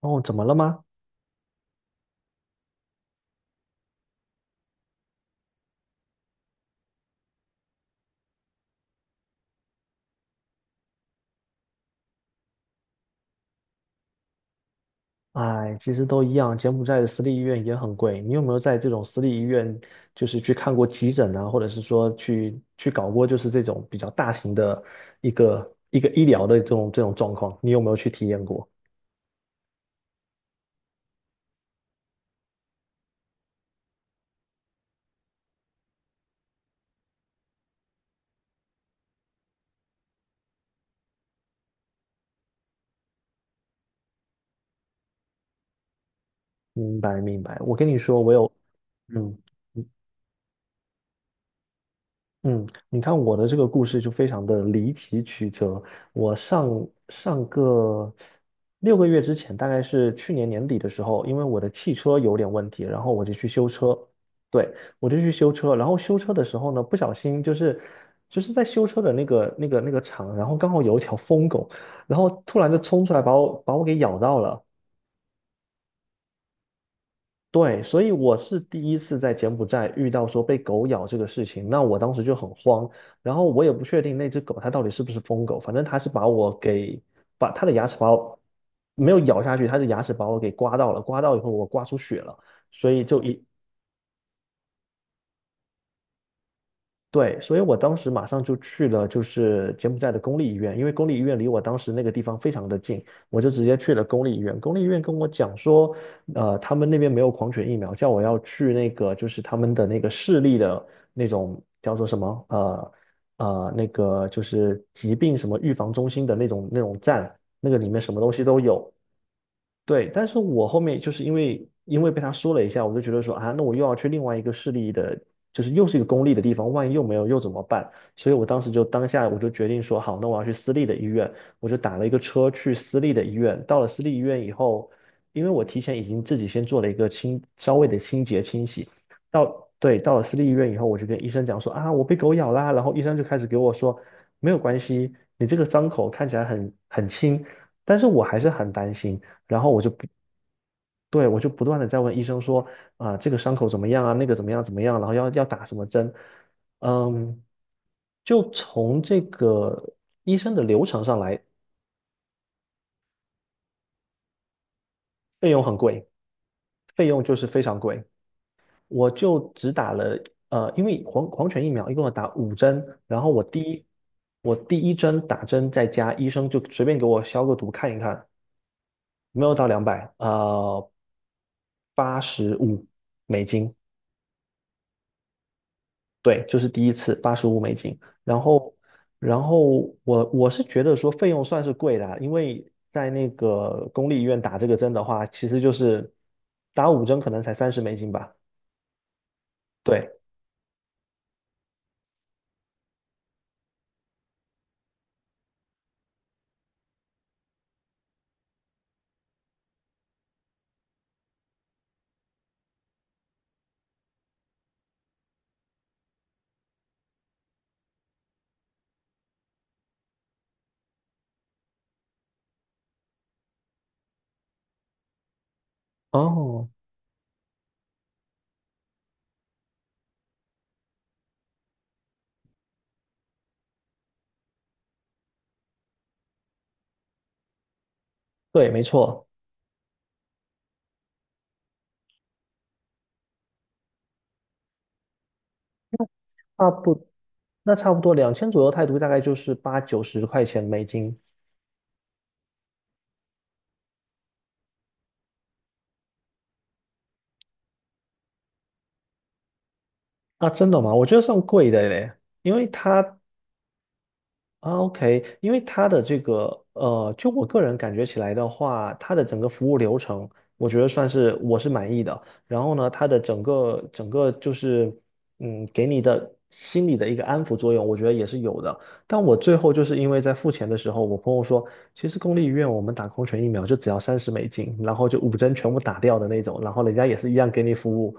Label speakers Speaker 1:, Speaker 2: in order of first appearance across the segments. Speaker 1: 哦，怎么了吗？哎，其实都一样，柬埔寨的私立医院也很贵。你有没有在这种私立医院，就是去看过急诊啊，或者是说去搞过，就是这种比较大型的一个医疗的这种状况？你有没有去体验过？明白，明白。我跟你说，我有，嗯。嗯，你看我的这个故事就非常的离奇曲折。我上上个6个月之前，大概是去年年底的时候，因为我的汽车有点问题，然后我就去修车。对，我就去修车，然后修车的时候呢，不小心就是在修车的那个厂，然后刚好有一条疯狗，然后突然就冲出来把我给咬到了。对，所以我是第一次在柬埔寨遇到说被狗咬这个事情，那我当时就很慌，然后我也不确定那只狗它到底是不是疯狗，反正它是把我给把它的牙齿把我没有咬下去，它的牙齿把我给刮到了，刮到以后我刮出血了，所以就一对，所以我当时马上就去了，就是柬埔寨的公立医院，因为公立医院离我当时那个地方非常的近，我就直接去了公立医院。公立医院跟我讲说，他们那边没有狂犬疫苗，叫我要去那个就是他们的那个市立的那种叫做什么那个就是疾病什么预防中心的那种站，那个里面什么东西都有。对，但是我后面就是因为被他说了一下，我就觉得说啊，那我又要去另外一个市立的，就是又是一个公立的地方，万一又没有又怎么办？所以我当时就当下我就决定说好，那我要去私立的医院，我就打了一个车去私立的医院。到了私立医院以后，因为我提前已经自己先做了一个稍微的清洁清洗，对，到了私立医院以后，我就跟医生讲说啊，我被狗咬啦，然后医生就开始给我说没有关系，你这个伤口看起来很轻，但是我还是很担心。然后我就不，对，我就不断的在问医生说，啊、这个伤口怎么样啊？那个怎么样怎么样？然后要打什么针？嗯，就从这个医生的流程上来，费用很贵，费用就是非常贵。我就只打了，因为犬疫苗一共要打五针，然后我第一针打针在家，医生就随便给我消个毒看一看，没有到200，八十五美金，对，就是第一次八十五美金，然后，然后我是觉得说费用算是贵的啊因为在那个公立医院打这个针的话，其实就是打五针可能才三十美金吧。对，哦，对，没错，差不，那差不多2,000左右泰铢，大概就是八九十块钱美金。啊，真的吗？我觉得算贵的嘞，因为它啊，OK,因为它的这个就我个人感觉起来的话，它的整个服务流程，我觉得算是我是满意的。然后呢，它的整个就是，给你的心理的一个安抚作用，我觉得也是有的。但我最后就是因为在付钱的时候，我朋友说，其实公立医院我们打狂犬疫苗就只要三十美金，然后就五针全部打掉的那种，然后人家也是一样给你服务。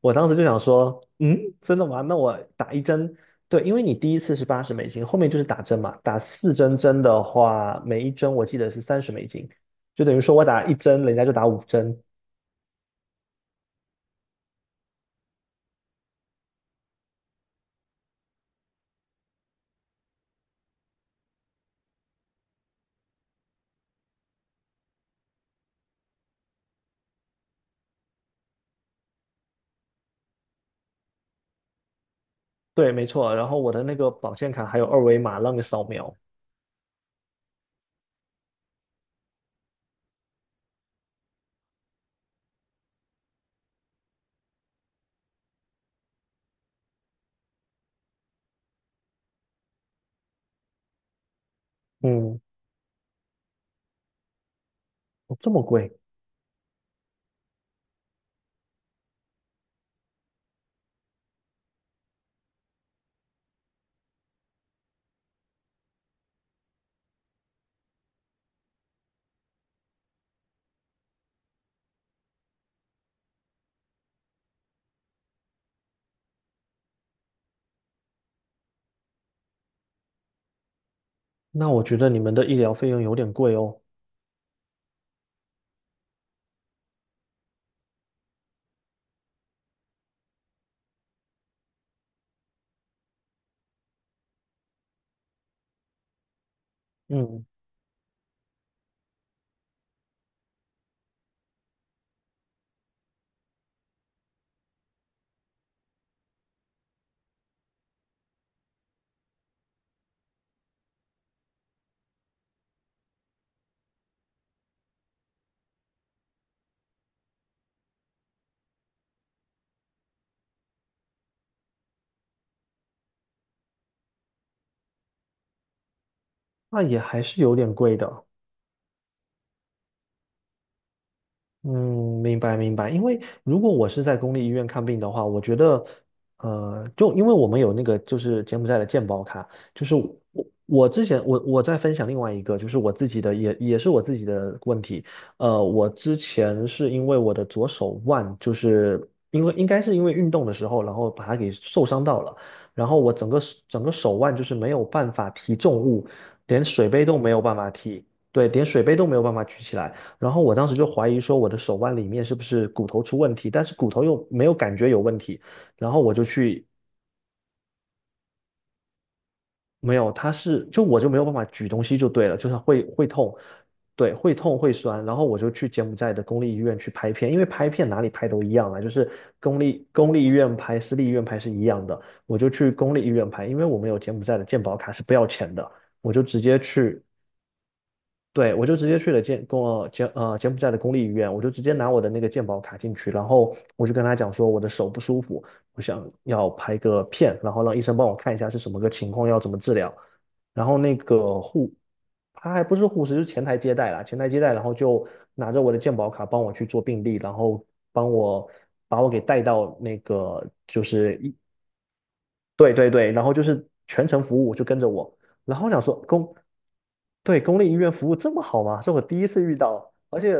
Speaker 1: 我当时就想说，真的吗？那我打一针。对，因为你第一次是$80，后面就是打针嘛。打四针的话，每一针我记得是三十美金，就等于说我打一针，人家就打五针。对，没错。然后我的那个保健卡还有二维码让你扫描。嗯，哦这么贵？那我觉得你们的医疗费用有点贵哦。嗯，那也还是有点贵的。嗯，明白明白。因为如果我是在公立医院看病的话，我觉得，就因为我们有那个就是柬埔寨的健保卡，就是我之前我在分享另外一个，就是我自己的也是我自己的问题。我之前是因为我的左手腕，就是因为应该是因为运动的时候，然后把它给受伤到了，然后我整个手腕就是没有办法提重物，连水杯都没有办法提，对，连水杯都没有办法举起来。然后我当时就怀疑说我的手腕里面是不是骨头出问题，但是骨头又没有感觉有问题，然后我就去，没有，它是，就我就没有办法举东西就对了，就是会痛，对，会痛会酸，然后我就去柬埔寨的公立医院去拍片，因为拍片哪里拍都一样啊，就是公立医院拍、私立医院拍是一样的，我就去公立医院拍，因为我们有柬埔寨的健保卡是不要钱的，我就直接去对，我就直接去了柬埔寨的公立医院，我就直接拿我的那个健保卡进去，然后我就跟他讲说我的手不舒服，我想要拍个片，然后让医生帮我看一下是什么个情况，要怎么治疗。然后那个护，他还不是护士，就是前台接待，然后就拿着我的健保卡帮我去做病历，然后帮我把我给带到那个就是对对对，然后就是全程服务就跟着我，然后我想说公，对，公立医院服务这么好吗？是我第一次遇到，而且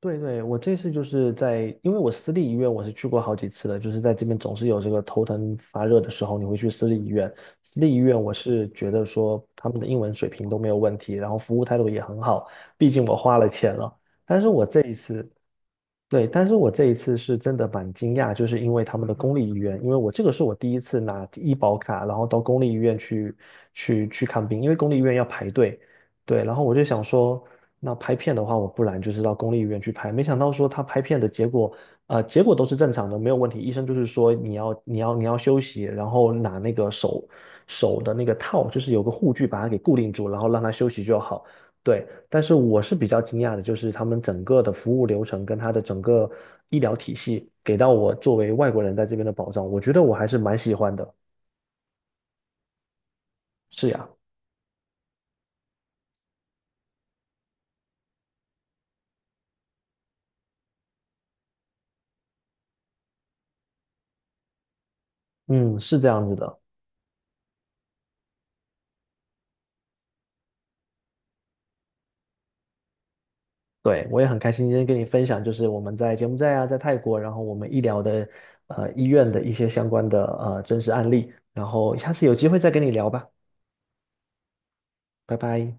Speaker 1: 对对，我这次就是在，因为我私立医院我是去过好几次的，就是在这边总是有这个头疼发热的时候，你会去私立医院。私立医院我是觉得说他们的英文水平都没有问题，然后服务态度也很好，毕竟我花了钱了。但是我这一次，对，但是我这一次是真的蛮惊讶，就是因为他们的公立医院，因为我这个是我第一次拿医保卡，然后到公立医院去看病，因为公立医院要排队。对，然后我就想说，那拍片的话，我不然就是到公立医院去拍。没想到说他拍片的结果，结果都是正常的，没有问题。医生就是说你要休息，然后拿那个手的那个套，就是有个护具把它给固定住，然后让它休息就好。对，但是我是比较惊讶的，就是他们整个的服务流程跟他的整个医疗体系给到我作为外国人在这边的保障，我觉得我还是蛮喜欢的。是呀，嗯，是这样子的。对，我也很开心今天跟你分享，就是我们在柬埔寨啊，在泰国，然后我们医疗的医院的一些相关的真实案例，然后下次有机会再跟你聊吧，拜拜。